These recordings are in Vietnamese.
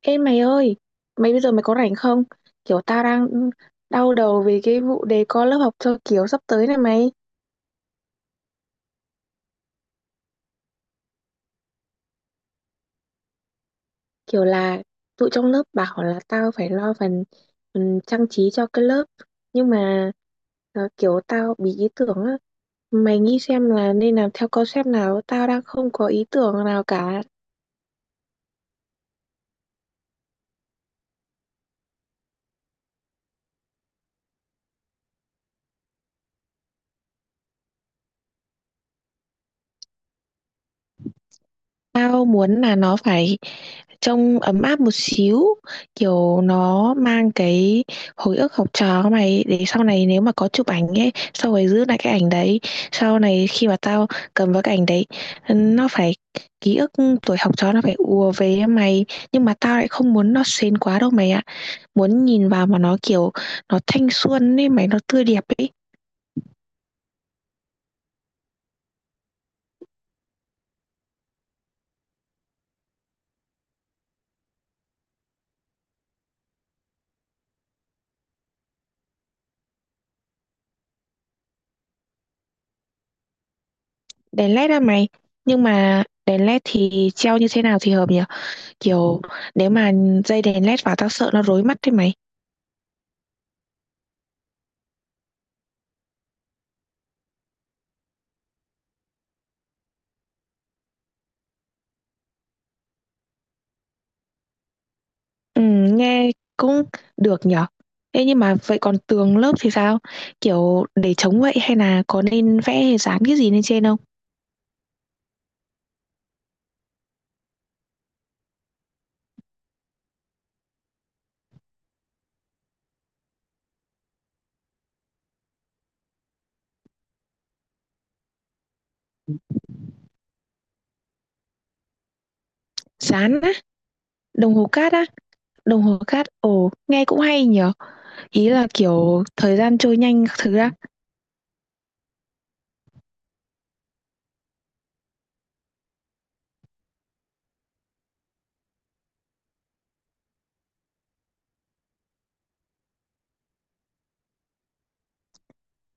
Ê mày ơi, mày bây giờ có rảnh không? Kiểu tao đang đau đầu về cái vụ đề co lớp học cho kiểu sắp tới này mày. Kiểu là tụi trong lớp bảo là tao phải lo phần, phần trang trí cho cái lớp. Nhưng mà kiểu tao bị ý tưởng á. Mày nghĩ xem là nên làm theo concept nào, tao đang không có ý tưởng nào cả. Tao muốn là nó phải trông ấm áp một xíu, kiểu nó mang cái hồi ức học trò của mày để sau này nếu mà có chụp ảnh ấy, sau rồi giữ lại cái ảnh đấy. Sau này khi mà tao cầm vào cái ảnh đấy, nó phải ký ức tuổi học trò nó phải ùa về với mày, nhưng mà tao lại không muốn nó sến quá đâu mày ạ, muốn nhìn vào mà nó kiểu nó thanh xuân ấy mày, nó tươi đẹp ấy. Đèn led á mày, nhưng mà đèn led thì treo như thế nào thì hợp nhỉ? Kiểu nếu mà dây đèn led vào tao sợ nó rối mắt thế mày. Ừ, nghe cũng được nhở. Thế nhưng mà vậy còn tường lớp thì sao? Kiểu để chống vậy hay là có nên vẽ hay dán cái gì lên trên không? Dán á, đồng hồ cát á, đồng hồ cát. Ồ, nghe cũng hay nhở. Ý là kiểu thời gian trôi nhanh các thứ á.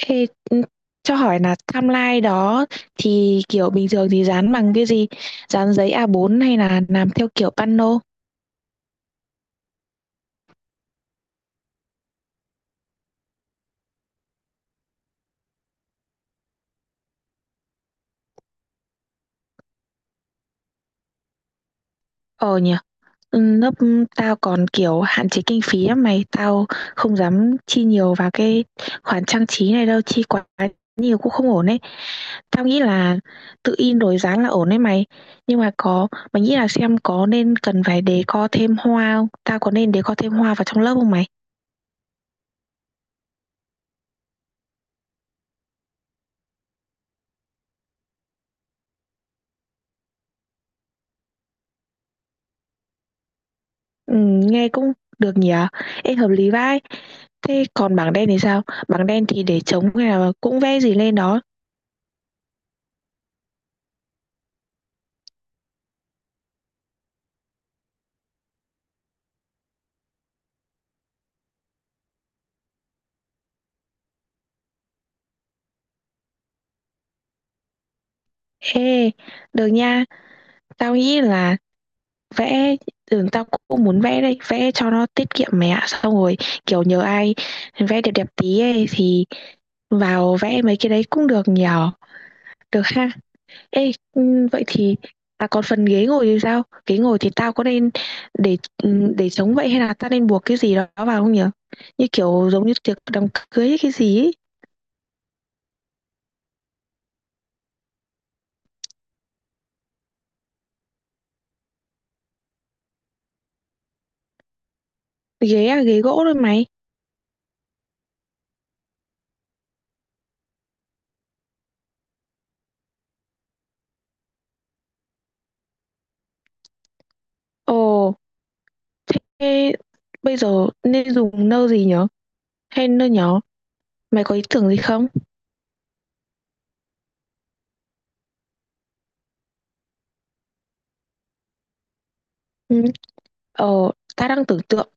Ê, ừ, cho hỏi là timeline đó thì kiểu bình thường thì dán bằng cái gì? Dán giấy a bốn hay là làm theo kiểu pano? Ờ nhỉ. Ừ, lớp tao còn kiểu hạn chế kinh phí lắm mày, tao không dám chi nhiều vào cái khoản trang trí này đâu, chi quá nhiều cũng không ổn ấy. Tao nghĩ là tự in rồi dán là ổn đấy mày, nhưng mà có mày nghĩ là xem có nên cần phải đề co thêm hoa không, tao có nên đề co thêm hoa vào trong lớp không mày? Ừ, nghe cũng được nhỉ. Ê hợp lý vai, thế còn bảng đen thì sao? Bảng đen thì để trống hay là cũng vẽ gì lên đó? Ê, được nha. Tao nghĩ là vẽ, tao cũng muốn vẽ đây, vẽ cho nó tiết kiệm mẹ ạ, xong rồi kiểu nhờ ai vẽ đẹp đẹp tí ấy thì vào vẽ mấy cái đấy cũng được nhờ, được ha. Ê ừ, vậy thì à còn phần ghế ngồi thì sao? Ghế ngồi thì tao có nên để, để trống vậy hay là tao nên buộc cái gì đó vào không nhở? Như kiểu giống như tiệc đám cưới hay cái gì ấy. Ghế à, ghế gỗ thôi mày. Ồ, thế bây giờ nên dùng nơ gì nhở? Hay nơ nhỏ? Mày có ý tưởng gì không? Ừ. Ờ, ta đang tưởng tượng,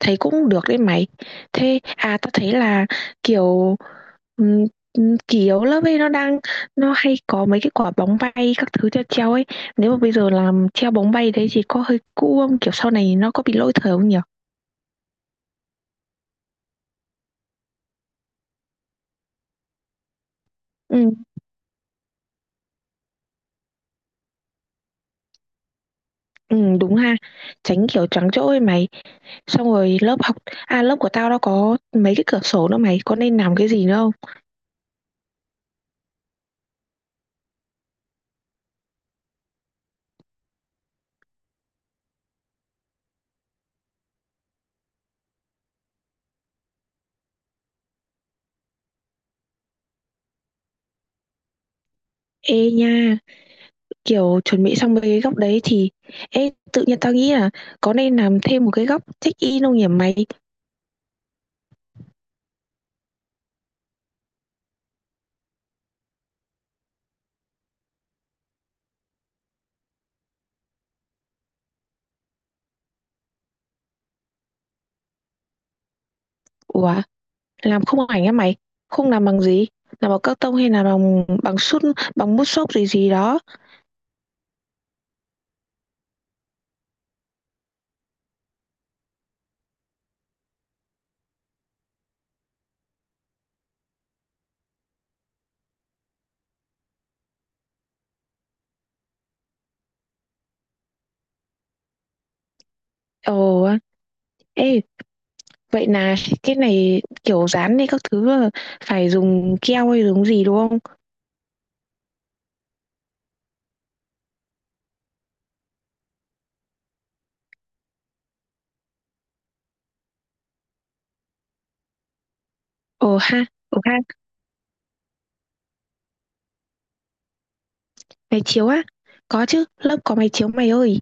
thấy cũng được đấy mày. Thế, à ta thấy là kiểu ừm, kỷ yếu lớp ấy nó đang, nó hay có mấy cái quả bóng bay các thứ treo treo ấy. Nếu mà bây giờ làm treo bóng bay đấy thì có hơi cũ không? Kiểu sau này nó có bị lỗi thời không nhỉ? Ừ, ừ, đúng ha. Tránh kiểu trắng chỗ ấy mày. Xong rồi lớp học, à lớp của tao nó có mấy cái cửa sổ nữa mày. Có nên làm cái gì nữa không? Ê nha. Kiểu, chuẩn bị xong mấy cái góc đấy thì ê, tự nhiên tao nghĩ là có nên làm thêm một cái góc check-in không nhỉ mày? Ủa, làm khung ảnh á mày? Không, làm bằng gì? Làm bằng cắt tông hay là bằng bằng sút, bằng mút xốp gì gì đó? Ồ, ê, vậy là cái này kiểu dán hay các thứ là phải dùng keo hay dùng gì đúng không? Ồ ha, máy chiếu á? Có chứ, lớp có máy chiếu mày ơi.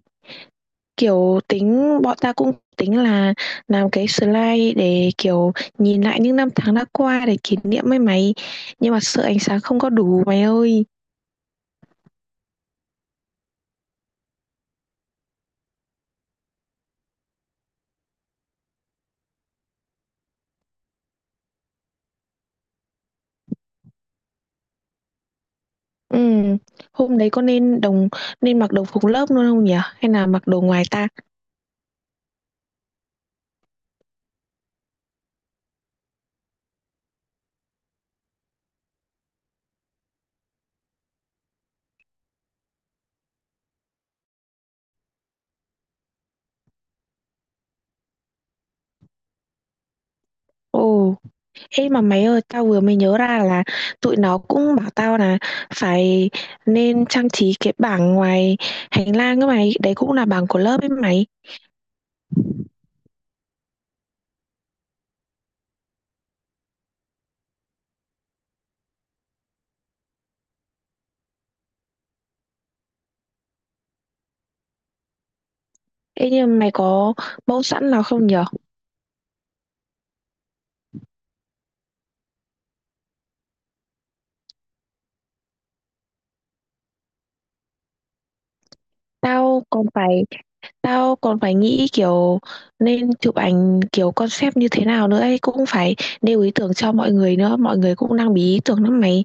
Kiểu, tính bọn ta cũng tính là làm cái slide để, kiểu, nhìn lại những năm tháng đã qua để kỷ niệm ấy mày, nhưng mà sợ ánh sáng không có đủ mày ơi. Ừm, Hôm đấy có nên đồng nên mặc đồng phục lớp luôn không nhỉ? Hay là mặc đồ ngoài ta? Ồ, ê mà mày ơi, tao vừa mới nhớ ra là tụi nó cũng bảo tao là phải nên trang trí cái bảng ngoài hành lang các mày, đấy cũng là bảng của lớp ấy mày. Ê nhưng mà mày có mẫu sẵn nào không nhỉ? Tao còn phải Tao còn phải nghĩ kiểu nên chụp ảnh kiểu concept như thế nào nữa ấy. Cũng phải nêu ý tưởng cho mọi người nữa. Mọi người cũng đang bí ý tưởng lắm mày.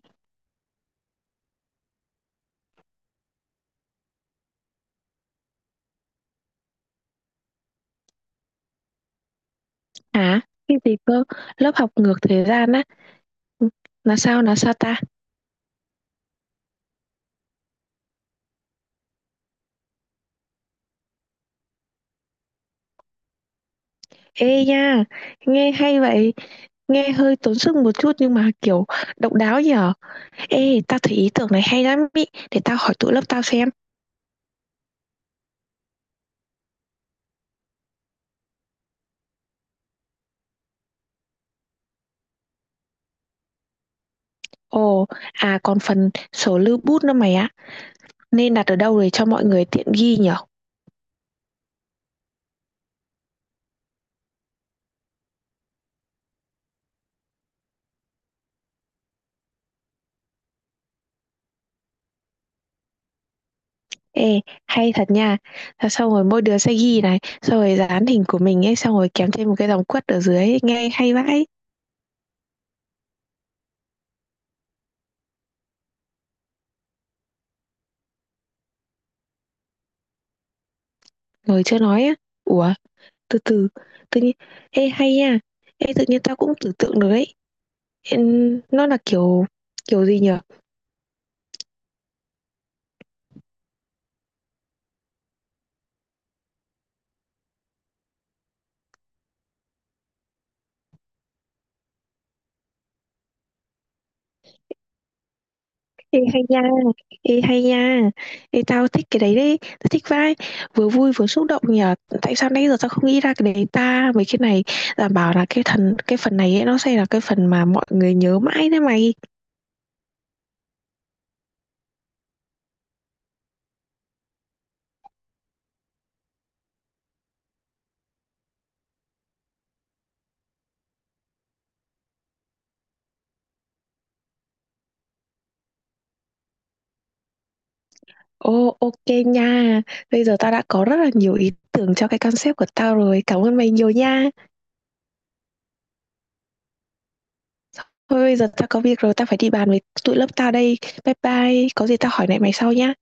Hả? Cái gì cơ? Lớp học ngược thời gian á. Ừ, là sao? Là sao ta? Ê nha! Nghe hay vậy. Nghe hơi tốn sức một chút nhưng mà kiểu độc đáo nhở. Ê, tao thấy ý tưởng này hay lắm ý. Để tao hỏi tụi lớp tao xem. Ồ, à còn phần sổ lưu bút nữa mày ạ. Nên đặt ở đâu để cho mọi người tiện ghi nhở? Ê, hay thật nha. Thế xong rồi mỗi đứa sẽ ghi này, xong rồi dán hình của mình ấy, xong rồi kèm thêm một cái dòng quất ở dưới ấy, nghe hay vãi. Rồi chưa nói á. Ủa, từ từ, tự nhiên, ê hay nha. Ê, tự nhiên tao cũng tưởng tượng được ấy. Ê, nó là kiểu, kiểu gì nhở? Ê hay nha, ê hay nha. Ê, tao thích cái đấy đấy, tao thích vãi. Vừa vui vừa xúc động nhở. Tại sao nãy giờ tao không nghĩ ra cái đấy ta? Mấy cái này đảm bảo là cái thần, cái phần này ấy, nó sẽ là cái phần mà mọi người nhớ mãi đấy mày. Ồ, ok nha. Bây giờ tao đã có rất là nhiều ý tưởng cho cái concept của tao rồi. Cảm ơn mày nhiều nha. Thôi bây giờ tao có việc rồi, tao phải đi bàn với tụi lớp tao đây. Bye bye. Có gì tao hỏi lại mày sau nha.